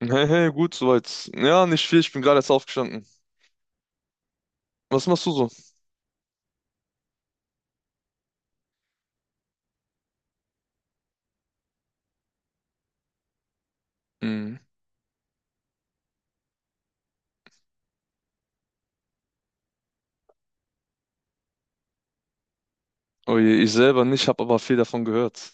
Hey, hey, gut, soweit. Ja, nicht viel, ich bin gerade erst aufgestanden. Was machst du so? Hm. Oh je, ich selber nicht, habe aber viel davon gehört.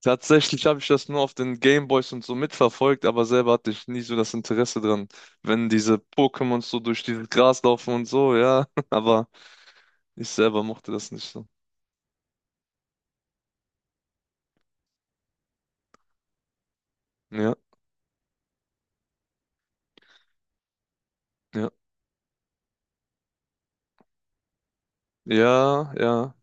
Tatsächlich habe ich das nur auf den Gameboys und so mitverfolgt, aber selber hatte ich nie so das Interesse dran. Wenn diese Pokémons so durch dieses Gras laufen und so, ja, aber ich selber mochte das nicht so. Ja, ja, ja, ja,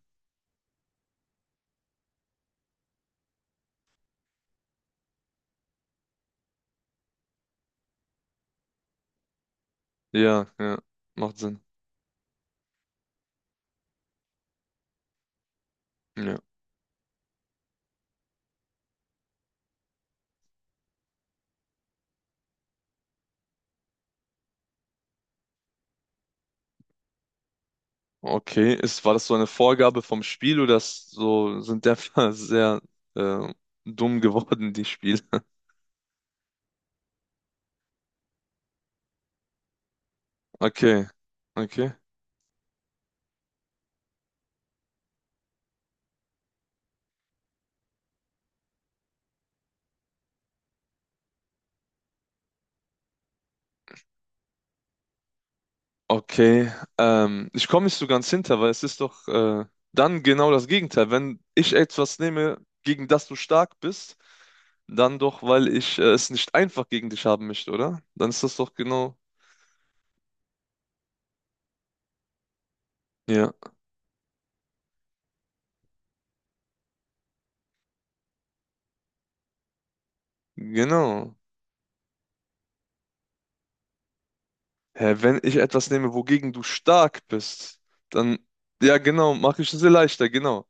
ja, ja, macht Sinn. Ja. Okay, ist, war das so eine Vorgabe vom Spiel oder ist so, sind der sehr äh, dumm geworden, die Spiele? Okay, okay, okay. Ich komme nicht so ganz hinter, weil es ist doch dann genau das Gegenteil. Wenn ich etwas nehme, gegen das du stark bist, dann doch, weil ich es nicht einfach gegen dich haben möchte, oder? Dann ist das doch genau. Ja, genau. Hä, wenn ich etwas nehme, wogegen du stark bist, dann, ja, genau, mache ich es dir leichter, genau.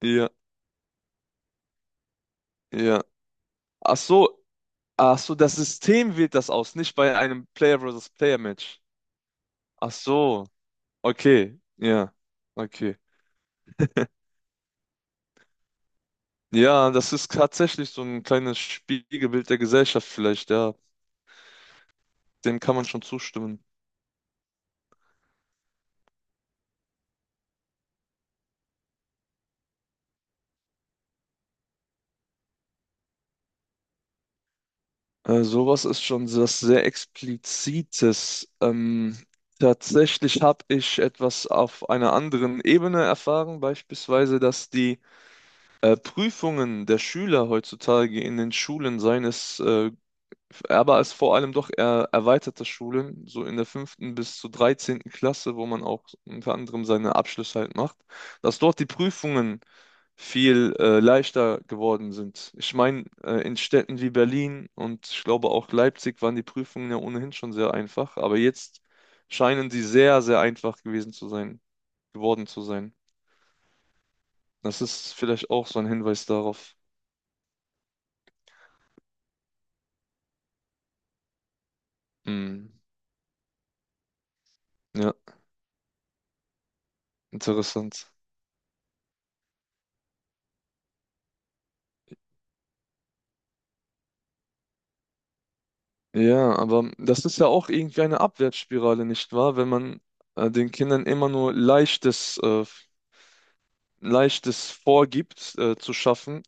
Ja, ja. Ach so, ach so, das System wählt das aus, nicht bei einem Player versus Player Match. Ach so. Okay, ja, okay. Ja, das ist tatsächlich so ein kleines Spiegelbild der Gesellschaft vielleicht, ja. Dem kann man schon zustimmen. Sowas ist schon was sehr Explizites. Tatsächlich habe ich etwas auf einer anderen Ebene erfahren, beispielsweise, dass die Prüfungen der Schüler heutzutage in den Schulen, seien es aber es vor allem doch eher erweiterte Schulen, so in der fünften bis zur dreizehnten Klasse, wo man auch unter anderem seine Abschlüsse halt macht, dass dort die Prüfungen viel leichter geworden sind. Ich meine, in Städten wie Berlin und ich glaube auch Leipzig waren die Prüfungen ja ohnehin schon sehr einfach, aber jetzt scheinen sie sehr, sehr einfach gewesen zu sein, geworden zu sein. Das ist vielleicht auch so ein Hinweis darauf. Hm, ja, interessant. Ja, aber das ist ja auch irgendwie eine Abwärtsspirale, nicht wahr? Wenn man den Kindern immer nur Leichtes, Leichtes vorgibt, zu schaffen,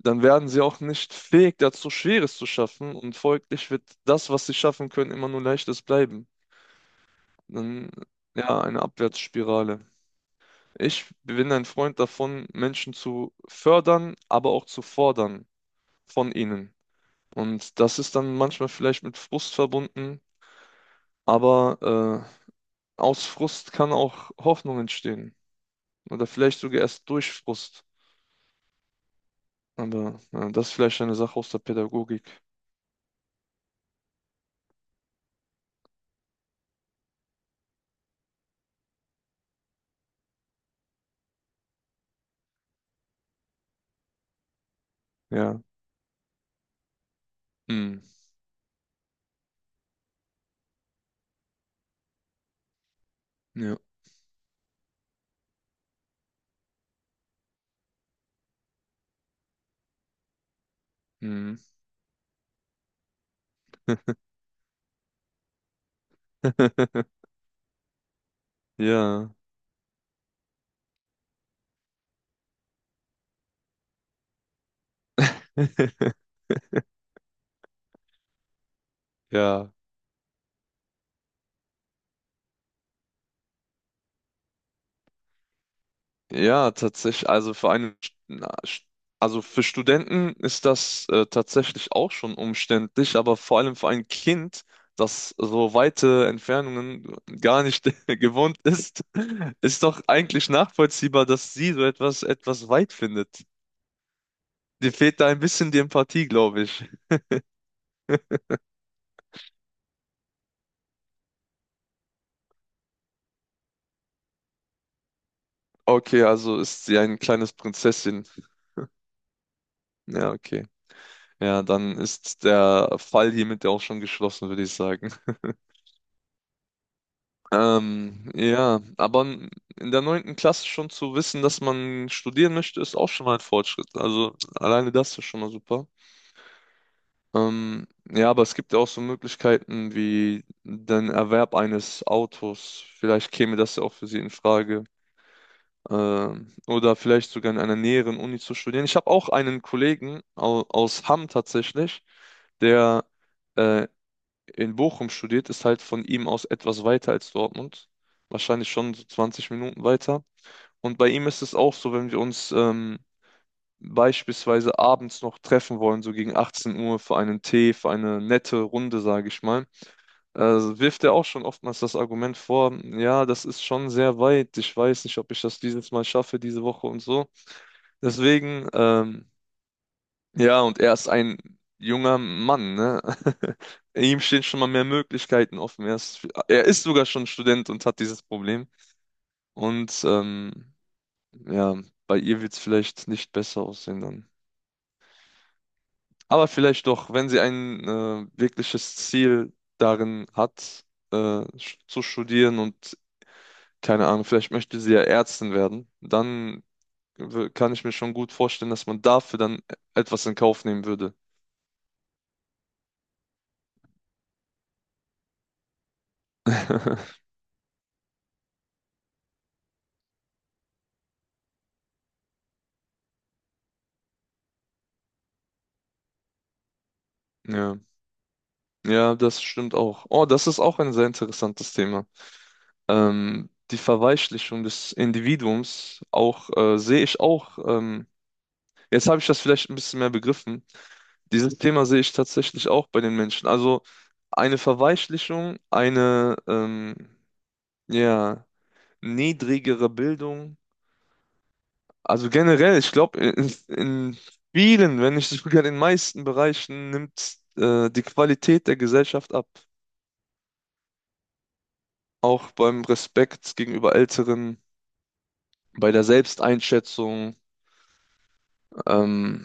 dann werden sie auch nicht fähig dazu, Schweres zu schaffen und folglich wird das, was sie schaffen können, immer nur Leichtes bleiben. Dann, ja, eine Abwärtsspirale. Ich bin ein Freund davon, Menschen zu fördern, aber auch zu fordern von ihnen. Und das ist dann manchmal vielleicht mit Frust verbunden, aber aus Frust kann auch Hoffnung entstehen. Oder vielleicht sogar erst durch Frust. Aber ja, das ist vielleicht eine Sache aus der Pädagogik. Ja. Hm. Ja. Hm. Ja. Ja. Ja, tatsächlich. Also für einen, na, also für Studenten ist das tatsächlich auch schon umständlich, aber vor allem für ein Kind, das so weite Entfernungen gar nicht gewohnt ist, ist doch eigentlich nachvollziehbar, dass sie so etwas etwas weit findet. Dir fehlt da ein bisschen die Empathie, glaube ich. Okay, also ist sie ein kleines Prinzesschen. Ja, okay. Ja, dann ist der Fall hiermit ja auch schon geschlossen, würde ich sagen. Ähm, ja, aber n- in der neunten Klasse schon zu wissen, dass man studieren möchte, ist auch schon mal ein Fortschritt. Also alleine das ist schon mal super. Ja, aber es gibt ja auch so Möglichkeiten wie den Erwerb eines Autos. Vielleicht käme das ja auch für Sie in Frage. Ähm, oder vielleicht sogar in einer näheren Uni zu studieren. Ich habe auch einen Kollegen au aus Hamm tatsächlich, der äh, in Bochum studiert, ist halt von ihm aus etwas weiter als Dortmund, wahrscheinlich schon so 20 Minuten weiter. Und bei ihm ist es auch so, wenn wir uns beispielsweise abends noch treffen wollen, so gegen 18 Uhr für einen Tee, für eine nette Runde, sage ich mal, wirft er auch schon oftmals das Argument vor, ja, das ist schon sehr weit, ich weiß nicht, ob ich das dieses Mal schaffe, diese Woche und so. Deswegen, ja, und er ist ein junger Mann, ne? Ihm stehen schon mal mehr Möglichkeiten offen. Er ist sogar schon Student und hat dieses Problem. Und ja, bei ihr wird es vielleicht nicht besser aussehen dann. Aber vielleicht doch, wenn sie ein wirkliches Ziel darin hat, zu studieren und keine Ahnung, vielleicht möchte sie ja Ärztin werden, dann kann ich mir schon gut vorstellen, dass man dafür dann etwas in Kauf nehmen würde. Ja, ja, das stimmt auch. Oh, das ist auch ein sehr interessantes Thema. Die Verweichlichung des Individuums auch sehe ich auch. Jetzt habe ich das vielleicht ein bisschen mehr begriffen. Dieses Thema sehe ich tatsächlich auch bei den Menschen. Also eine Verweichlichung, eine ja, niedrigere Bildung. Also generell, ich glaube, in vielen, wenn nicht sogar in den meisten Bereichen nimmt die Qualität der Gesellschaft ab. Auch beim Respekt gegenüber Älteren, bei der Selbsteinschätzung, ähm,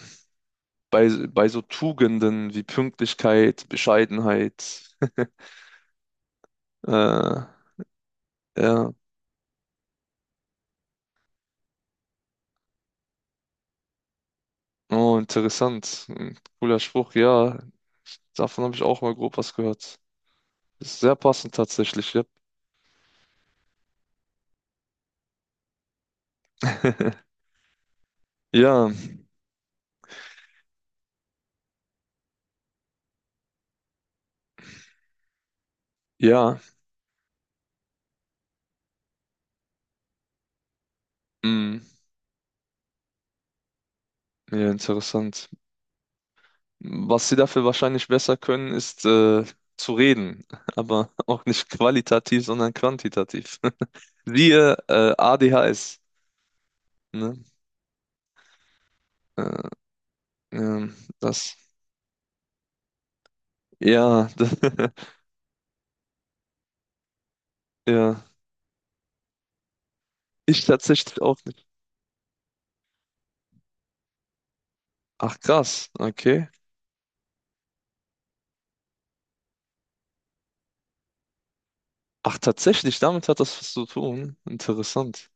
bei so Tugenden wie Pünktlichkeit, Bescheidenheit. Äh, ja, oh, interessant. Ein cooler Spruch, ja. Davon habe ich auch mal grob was gehört. Ist sehr passend tatsächlich, ja. Ja, ja, mm, ja, interessant. Was sie dafür wahrscheinlich besser können, ist zu reden, aber auch nicht qualitativ, sondern quantitativ. Siehe ADHS, ne? Äh, ja, das, ja, ja, ich tatsächlich auch nicht. Ach krass, okay. Ach tatsächlich, damit hat das was zu tun. Interessant.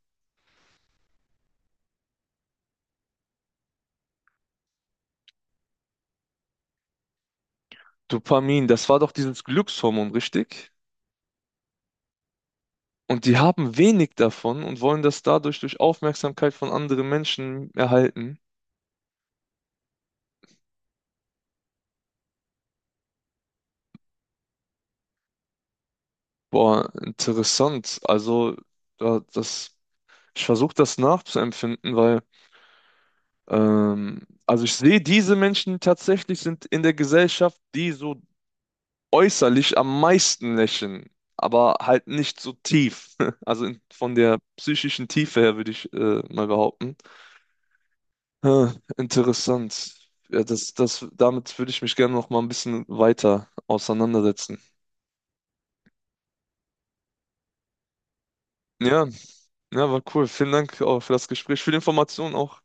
Dopamin, das war doch dieses Glückshormon, richtig? Und die haben wenig davon und wollen das dadurch durch Aufmerksamkeit von anderen Menschen erhalten. Boah, interessant. Da- das, ich versuche das nachzuempfinden, weil also ich sehe, diese Menschen tatsächlich sind in der Gesellschaft, die so äußerlich am meisten lächeln, aber halt nicht so tief. Also von der psychischen Tiefe her würde ich mal behaupten. Äh, interessant. Ja, das, damit würde ich mich gerne noch mal ein bisschen weiter auseinandersetzen. Ja, ja, war cool. Vielen Dank auch für das Gespräch, für die Informationen auch.